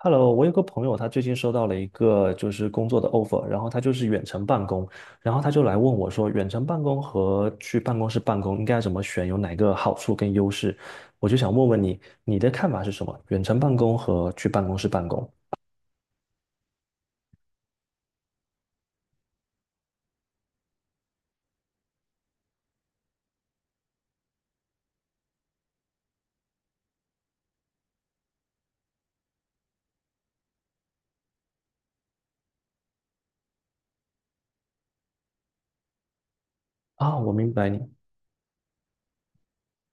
Hello,我有个朋友，他最近收到了一个工作的 offer,然后他远程办公，然后他就来问我说，远程办公和去办公室办公应该怎么选，有哪个好处跟优势？我就想问问你，你的看法是什么？远程办公和去办公室办公？啊，我明白你，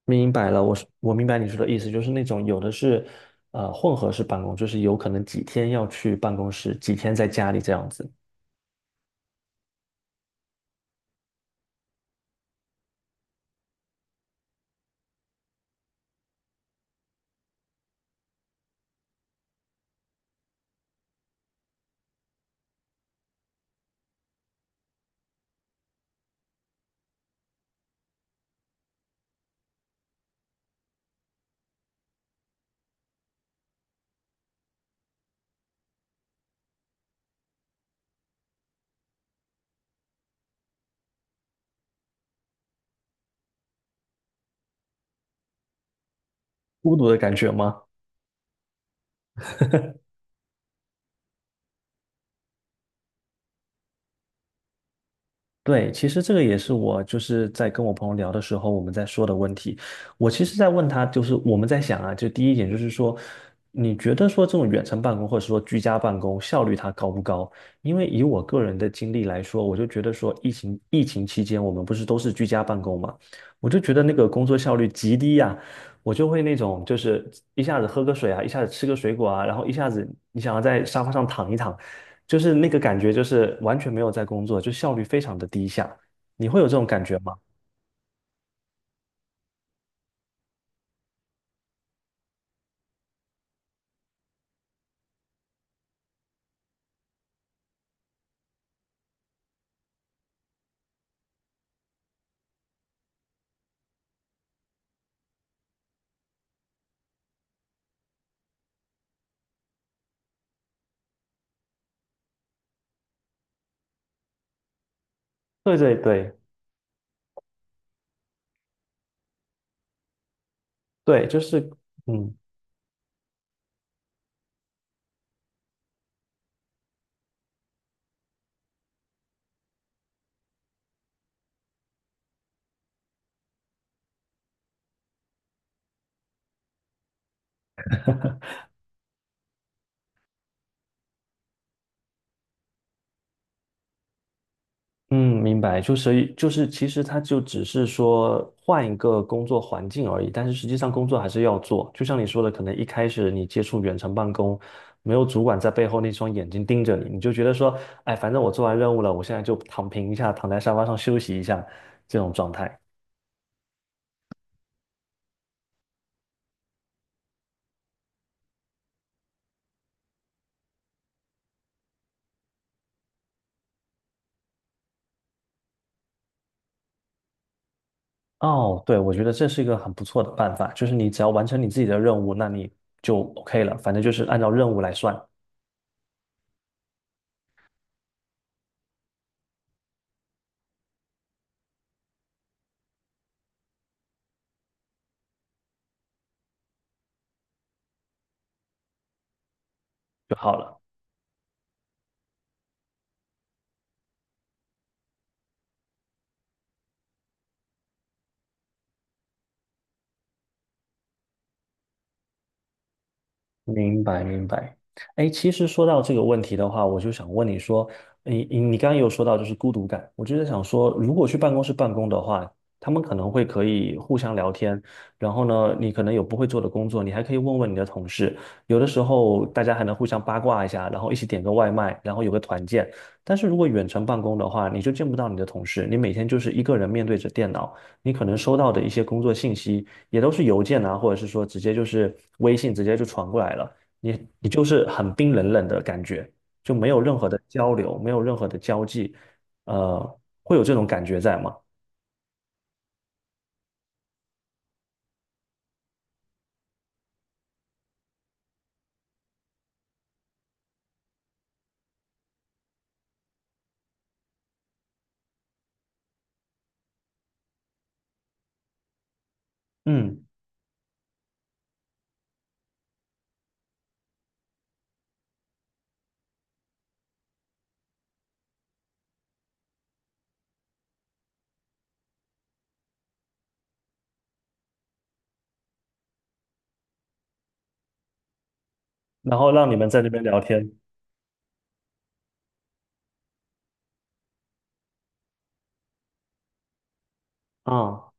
明白了，我明白你说的意思，就是那种有的是混合式办公，就是有可能几天要去办公室，几天在家里这样子，孤独的感觉吗？对，其实这个也是我在跟我朋友聊的时候，我们在说的问题。我其实在问他，就是我们在想啊，就第一点就是说，你觉得说这种远程办公或者说居家办公效率它高不高？因为以我个人的经历来说，我就觉得说疫情期间我们不是都是居家办公嘛，我就觉得那个工作效率极低呀、我就会那种一下子喝个水啊，一下子吃个水果啊，然后一下子你想要在沙发上躺一躺。就是那个感觉，就是完全没有在工作，就效率非常的低下。你会有这种感觉吗？对对对对，嗯嗯，明白，其实它就只是说换一个工作环境而已，但是实际上工作还是要做。就像你说的，可能一开始你接触远程办公，没有主管在背后那双眼睛盯着你，你就觉得说，哎，反正我做完任务了，我现在就躺平一下，躺在沙发上休息一下，这种状态。哦，对，我觉得这是一个很不错的办法，就是你只要完成你自己的任务，那你就 OK 了，反正就是按照任务来算就好了。明白，明白。哎，其实说到这个问题的话，我就想问你说，你刚刚也有说到就是孤独感，我就在想说，如果去办公室办公的话，他们可能会可以互相聊天，然后呢，你可能有不会做的工作，你还可以问问你的同事，有的时候大家还能互相八卦一下，然后一起点个外卖，然后有个团建。但是如果远程办公的话，你就见不到你的同事，你每天就是一个人面对着电脑，你可能收到的一些工作信息。也都是邮件啊，或者是说直接就是微信直接就传过来了，你就是很冰冷冷的感觉，就没有任何的交流，没有任何的交际，会有这种感觉在吗？嗯，然后让你们在那边聊天啊。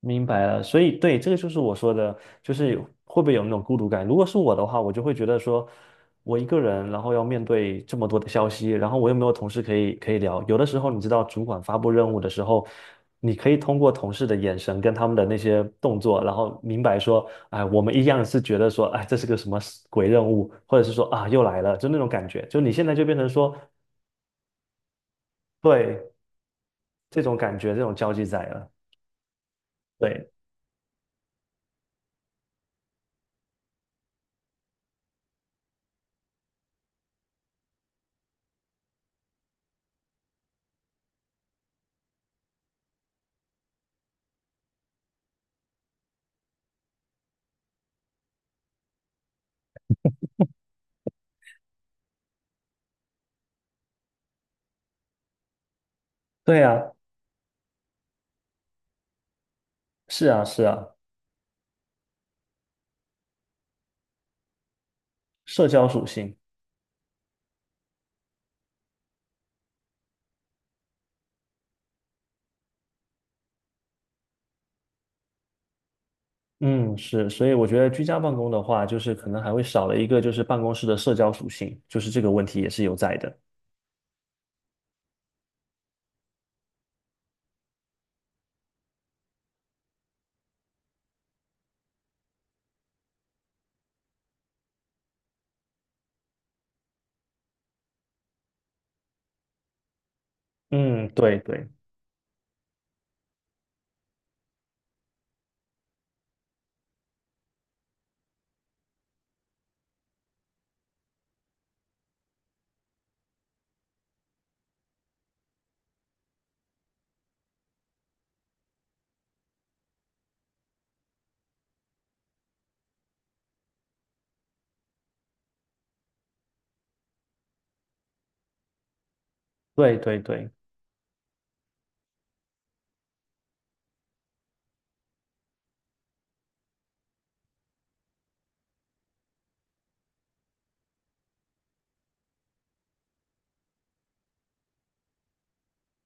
明白了，所以对，这个就是我说的，就是会不会有那种孤独感？如果是我的话，我就会觉得说，我一个人，然后要面对这么多的消息，然后我又没有同事可以聊。有的时候，你知道，主管发布任务的时候，你可以通过同事的眼神跟他们的那些动作，然后明白说，哎，我们一样是觉得说，哎，这是个什么鬼任务，或者是说啊，又来了，就那种感觉。就你现在就变成说，对，这种感觉，这种交际在了。对，对啊，是啊，是啊，社交属性。嗯，是，所以我觉得居家办公的话，就是可能还会少了一个就是办公室的社交属性，就是这个问题也是有在的。嗯，对对对对对，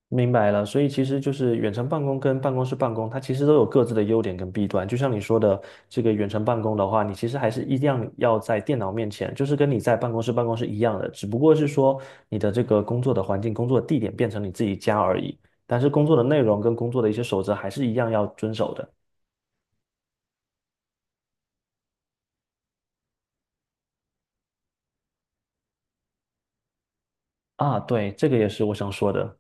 明白了。所以其实就是远程办公跟办公室办公，它其实都有各自的优点跟弊端。就像你说的，这个远程办公的话，你其实还是一样要在电脑面前，就是跟你在办公室办公是一样的，只不过是说你的这个工作的环境、工作地点变成你自己家而已，但是工作的内容跟工作的一些守则还是一样要遵守的。啊，对，这个也是我想说的。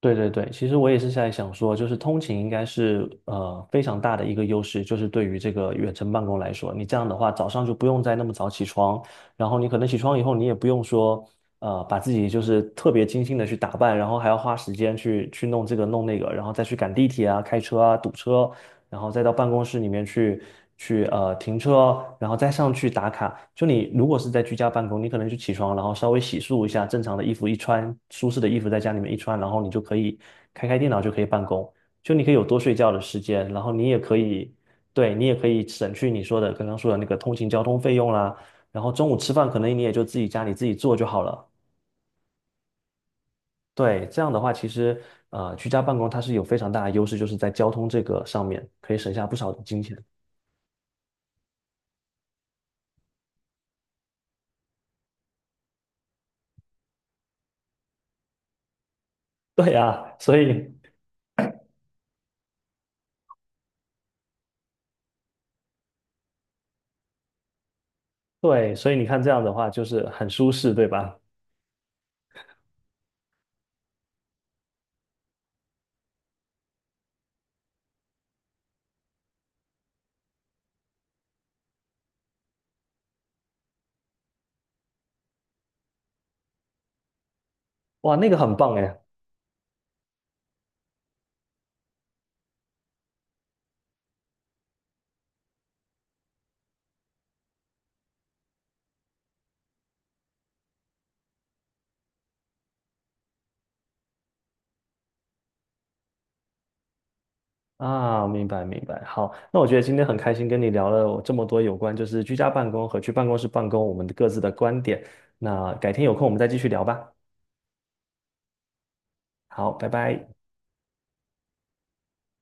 对对对，其实我也是在想说，就是通勤应该是非常大的一个优势，就是对于这个远程办公来说，你这样的话早上就不用再那么早起床，然后你可能起床以后你也不用说把自己就是特别精心的去打扮，然后还要花时间去弄这个弄那个，然后再去赶地铁啊、开车啊、堵车，然后再到办公室里面去停车哦，然后再上去打卡。就你如果是在居家办公，你可能就起床，然后稍微洗漱一下，正常的衣服一穿，舒适的衣服在家里面一穿，然后你就可以开电脑就可以办公。就你可以有多睡觉的时间，然后你也可以，对，你也可以省去你说的刚刚说的那个通勤交通费用啦。然后中午吃饭可能你也就自己家里自己做就好了。对，这样的话，其实居家办公它是有非常大的优势，就是在交通这个上面可以省下不少的金钱。对啊，所以对，所以你看这样的话就是很舒适，对吧？哇，那个很棒哎！啊，明白明白。好，那我觉得今天很开心跟你聊了这么多有关就是居家办公和去办公室办公我们各自的观点。那改天有空我们再继续聊吧。好，拜拜。